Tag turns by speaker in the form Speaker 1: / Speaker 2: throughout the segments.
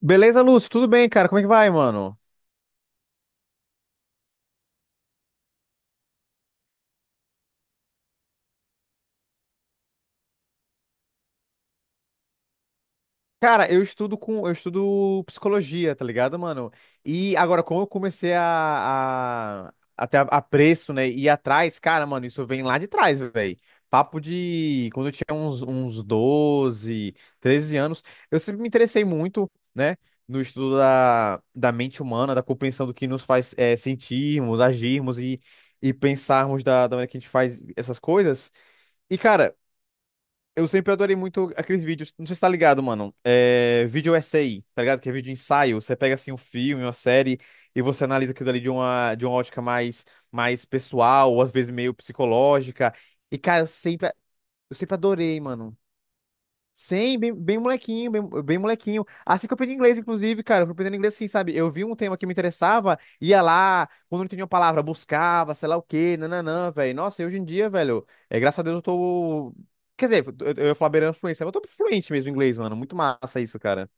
Speaker 1: Beleza, Lúcio? Tudo bem, cara? Como é que vai, mano? Cara, eu estudo psicologia, tá ligado, mano? E agora, como eu comecei a ter apreço, né, e ir atrás, cara, mano, isso vem lá de trás, velho. Papo de quando eu tinha uns 12, 13 anos, eu sempre me interessei muito, né, no estudo da mente humana, da compreensão do que nos faz sentirmos, agirmos e pensarmos da maneira que a gente faz essas coisas. E, cara, eu sempre adorei muito aqueles vídeos. Não sei se tá ligado, mano. É, vídeo essay, tá ligado? Que é vídeo ensaio. Você pega assim um filme, uma série, e você analisa aquilo ali de uma ótica mais, mais pessoal, ou às vezes meio psicológica. E, cara, eu sempre adorei, mano. Sim, bem, bem molequinho, bem, bem molequinho. Assim que eu aprendi inglês, inclusive, cara, eu fui aprendendo inglês assim, sabe? Eu vi um tema que me interessava, ia lá, quando não entendia uma palavra, buscava, sei lá o quê, nananã, velho. Nossa, e hoje em dia, velho, é, graças a Deus eu tô. Quer dizer, eu ia falar beirando fluência, mas eu tô fluente mesmo em inglês, mano. Muito massa isso, cara.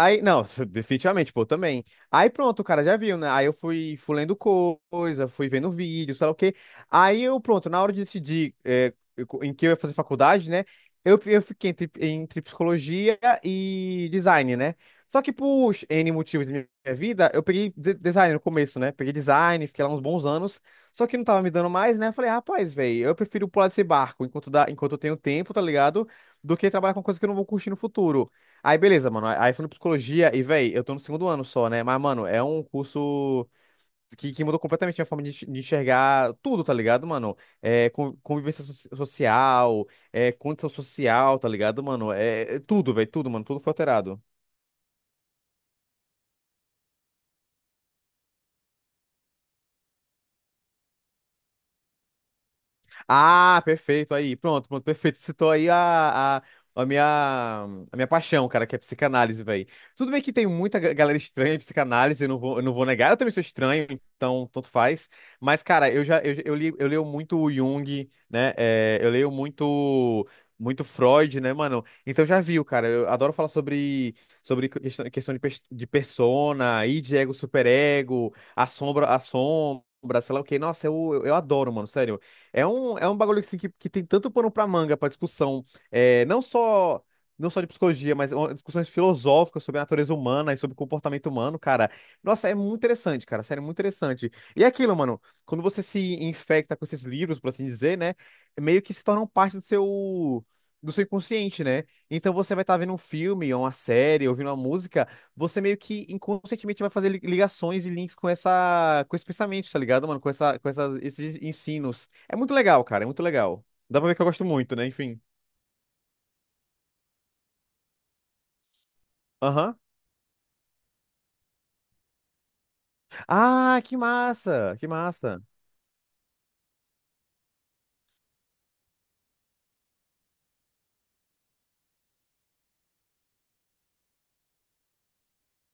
Speaker 1: Aí, não, isso definitivamente, pô, também. Aí pronto, o cara já viu, né? Aí eu fui, fui lendo coisa, fui vendo vídeo, sei lá o quê. Aí eu, pronto, na hora de decidir em que eu ia fazer faculdade, né? Eu fiquei entre psicologia e design, né? Só que por N motivos da minha vida, eu peguei design no começo, né? Peguei design, fiquei lá uns bons anos. Só que não tava me dando mais, né? Eu falei, rapaz, velho, eu prefiro pular desse barco enquanto eu tenho tempo, tá ligado? Do que trabalhar com coisa que eu não vou curtir no futuro. Aí, beleza, mano. Aí fui no psicologia e, véi, eu tô no segundo ano só, né? Mas, mano, é um curso que mudou completamente minha forma de enxergar tudo, tá ligado, mano? É, convivência social, é, condição social, tá ligado, mano? É tudo, véi, tudo, mano. Tudo foi alterado. Ah, perfeito, aí, pronto, perfeito. Citou aí a minha, a minha paixão, cara, que é psicanálise, velho. Tudo bem que tem muita galera estranha em psicanálise, eu não vou negar, eu também sou estranho, então tanto faz. Mas, cara, eu já, eu li, eu leio muito o Jung, né, eu leio muito, muito Freud, né, mano? Então já viu, cara, eu adoro falar sobre questão de, de persona, id, ego, superego, a sombra, sei lá o quê. Nossa, eu adoro, mano, sério. É um bagulho assim, que tem tanto pano pra manga, pra discussão, é, não só não só de psicologia, mas discussões filosóficas sobre a natureza humana e sobre o comportamento humano, cara. Nossa, é muito interessante, cara, sério, muito interessante. E é aquilo, mano, quando você se infecta com esses livros, por assim dizer, né, meio que se tornam parte do seu inconsciente, né? Então você vai estar vendo um filme, ou uma série, ouvindo uma música, você meio que inconscientemente vai fazer ligações e links com essa, com esse pensamento, tá ligado, mano? Com esses ensinos. É muito legal, cara, é muito legal. Dá pra ver que eu gosto muito, né? Enfim. Aham. Ah, que massa, que massa.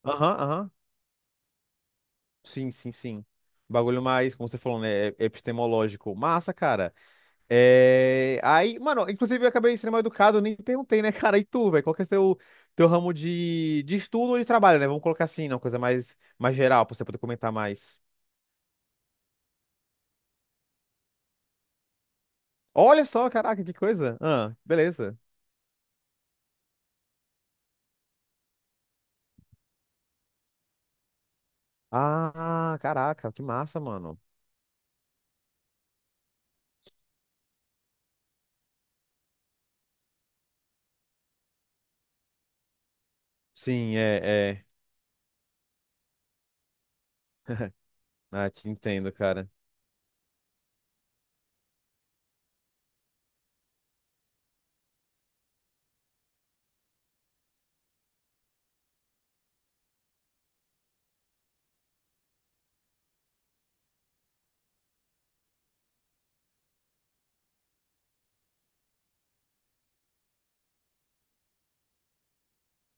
Speaker 1: Aham, aham. Sim, sim, sim. Bagulho mais, como você falou, né? É epistemológico. Massa, cara. Aí, mano, inclusive eu acabei sendo mal educado, eu nem perguntei, né, cara? E tu, velho? Qual que é o teu ramo de estudo ou de trabalho, né? Vamos colocar assim, né? Uma coisa mais, geral, pra você poder comentar mais. Olha só, caraca, que coisa. Ah, beleza. Ah, caraca, que massa, mano. Sim, é, é. Ah, te entendo, cara.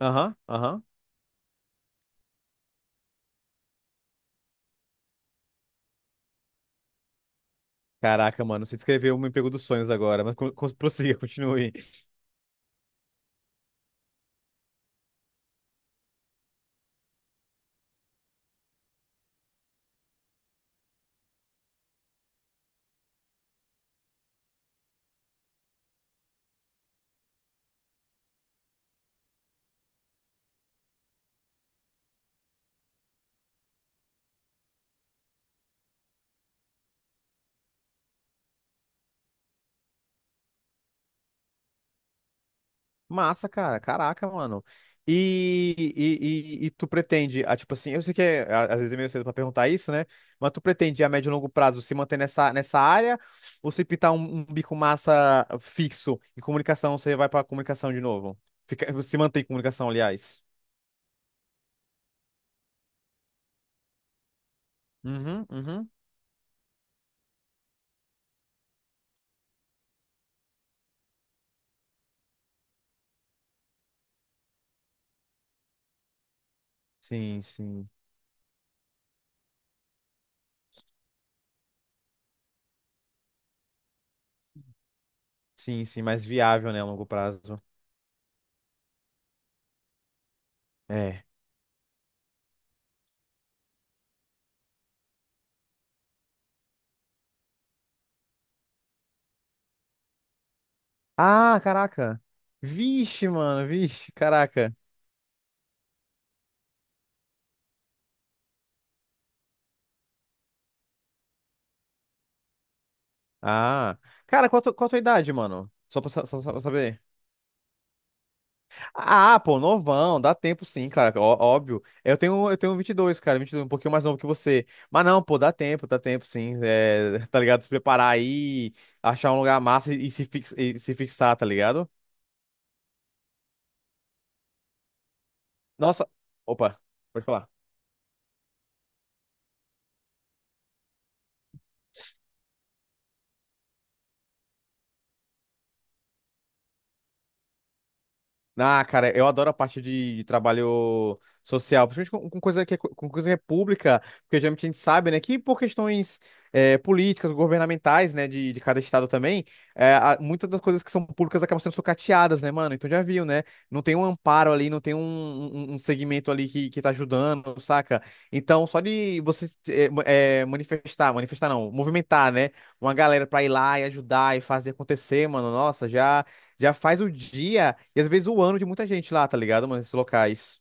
Speaker 1: Aham, aham. Caraca, mano, você descreveu um emprego dos sonhos agora, mas prossiga, continue. Massa, cara. Caraca, mano. E tu pretende, tipo assim, eu sei que às vezes é meio cedo pra perguntar isso, né? Mas tu pretende a médio e longo prazo se manter nessa área ou se pintar um bico massa fixo em comunicação, você vai pra comunicação de novo? Se manter em comunicação, aliás. Uhum, uhum. Sim, sim. Sim, sim, mais viável, né, a longo prazo. É. Ah, caraca. Vixe, mano, vixe, caraca. Ah. Cara, qual a tua idade, mano? Só pra saber. Ah, pô, novão, dá tempo sim, cara, óbvio. Eu tenho 22, cara, 22, um pouquinho mais novo que você. Mas não, pô, dá tempo sim. É, tá ligado? Se preparar aí, achar um lugar massa e se fixar, tá ligado? Nossa, opa, pode falar. Ah, cara, eu adoro a parte de trabalho social, principalmente com coisa que é, pública, porque geralmente a gente sabe, né, que por questões políticas, governamentais, né, de cada estado também, muitas das coisas que são públicas acabam sendo sucateadas, né, mano? Então já viu, né? Não tem um amparo ali, não tem um segmento ali que tá ajudando, saca? Então, só de você manifestar, manifestar não, movimentar, né, uma galera pra ir lá e ajudar e fazer acontecer, mano, nossa, já. Já faz o dia e às vezes o ano de muita gente lá, tá ligado, mano? Esses locais.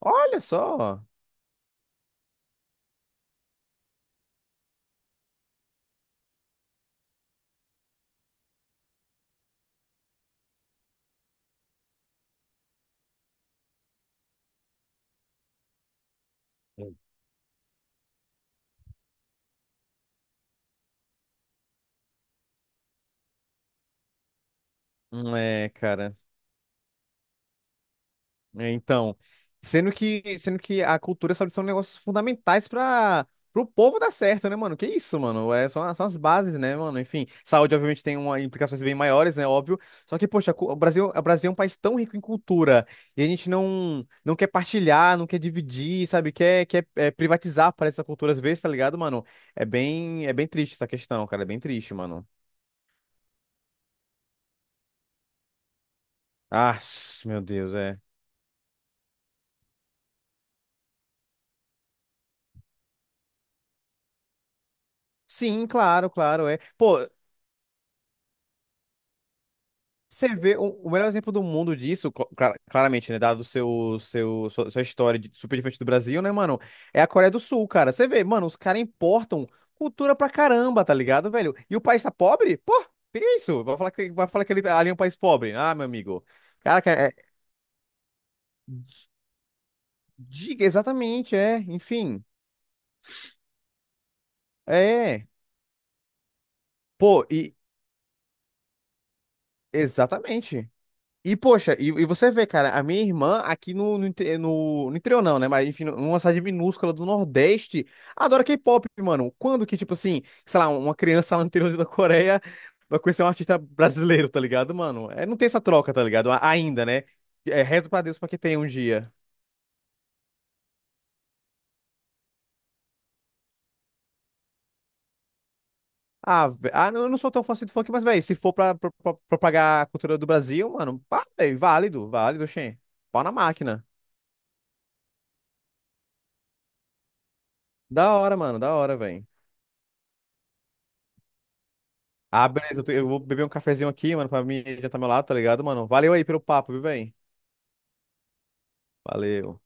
Speaker 1: Olha só. É, cara. É, então, sendo que a cultura e a saúde são negócios fundamentais para o povo dar certo, né, mano? Que isso, mano? É, são as bases, né, mano? Enfim, saúde obviamente tem implicações bem maiores, né, óbvio. Só que, poxa, o Brasil é um país tão rico em cultura e a gente não quer partilhar, não quer dividir, sabe? Quer privatizar para essa cultura às vezes, tá ligado, mano? É bem triste essa questão, cara, é bem triste, mano. Ah, meu Deus, é. Sim, claro, claro, é. Pô, você vê o melhor exemplo do mundo disso, claramente, né? Dado o seu, seu, sua, sua história super diferente do Brasil, né, mano? É a Coreia do Sul, cara. Você vê, mano, os caras importam cultura pra caramba, tá ligado, velho? E o país tá pobre? Pô, teria isso. Vai falar que ali é um país pobre. Ah, meu amigo. Cara, diga exatamente, é. Enfim. É. Pô, e exatamente. E, poxa, e você vê, cara, a minha irmã aqui no interior não, né? Mas, enfim, numa cidade minúscula do Nordeste, adora K-pop, mano. Quando que, tipo assim, sei lá, uma criança lá no interior da Coreia vai conhecer um artista brasileiro, tá ligado, mano? É, não tem essa troca, tá ligado? Ainda, né? É, rezo pra Deus pra que tenha um dia. Ah, não, eu não sou tão fã assim do funk, mas, velho, se for propagar a cultura do Brasil, mano, pá, véi, válido, válido, xê. Pau na máquina. Da hora, mano, da hora, velho. Ah, beleza. Eu vou beber um cafezinho aqui, mano, pra mim adiantar meu lado, tá ligado, mano? Valeu aí pelo papo, viu, velho? Valeu.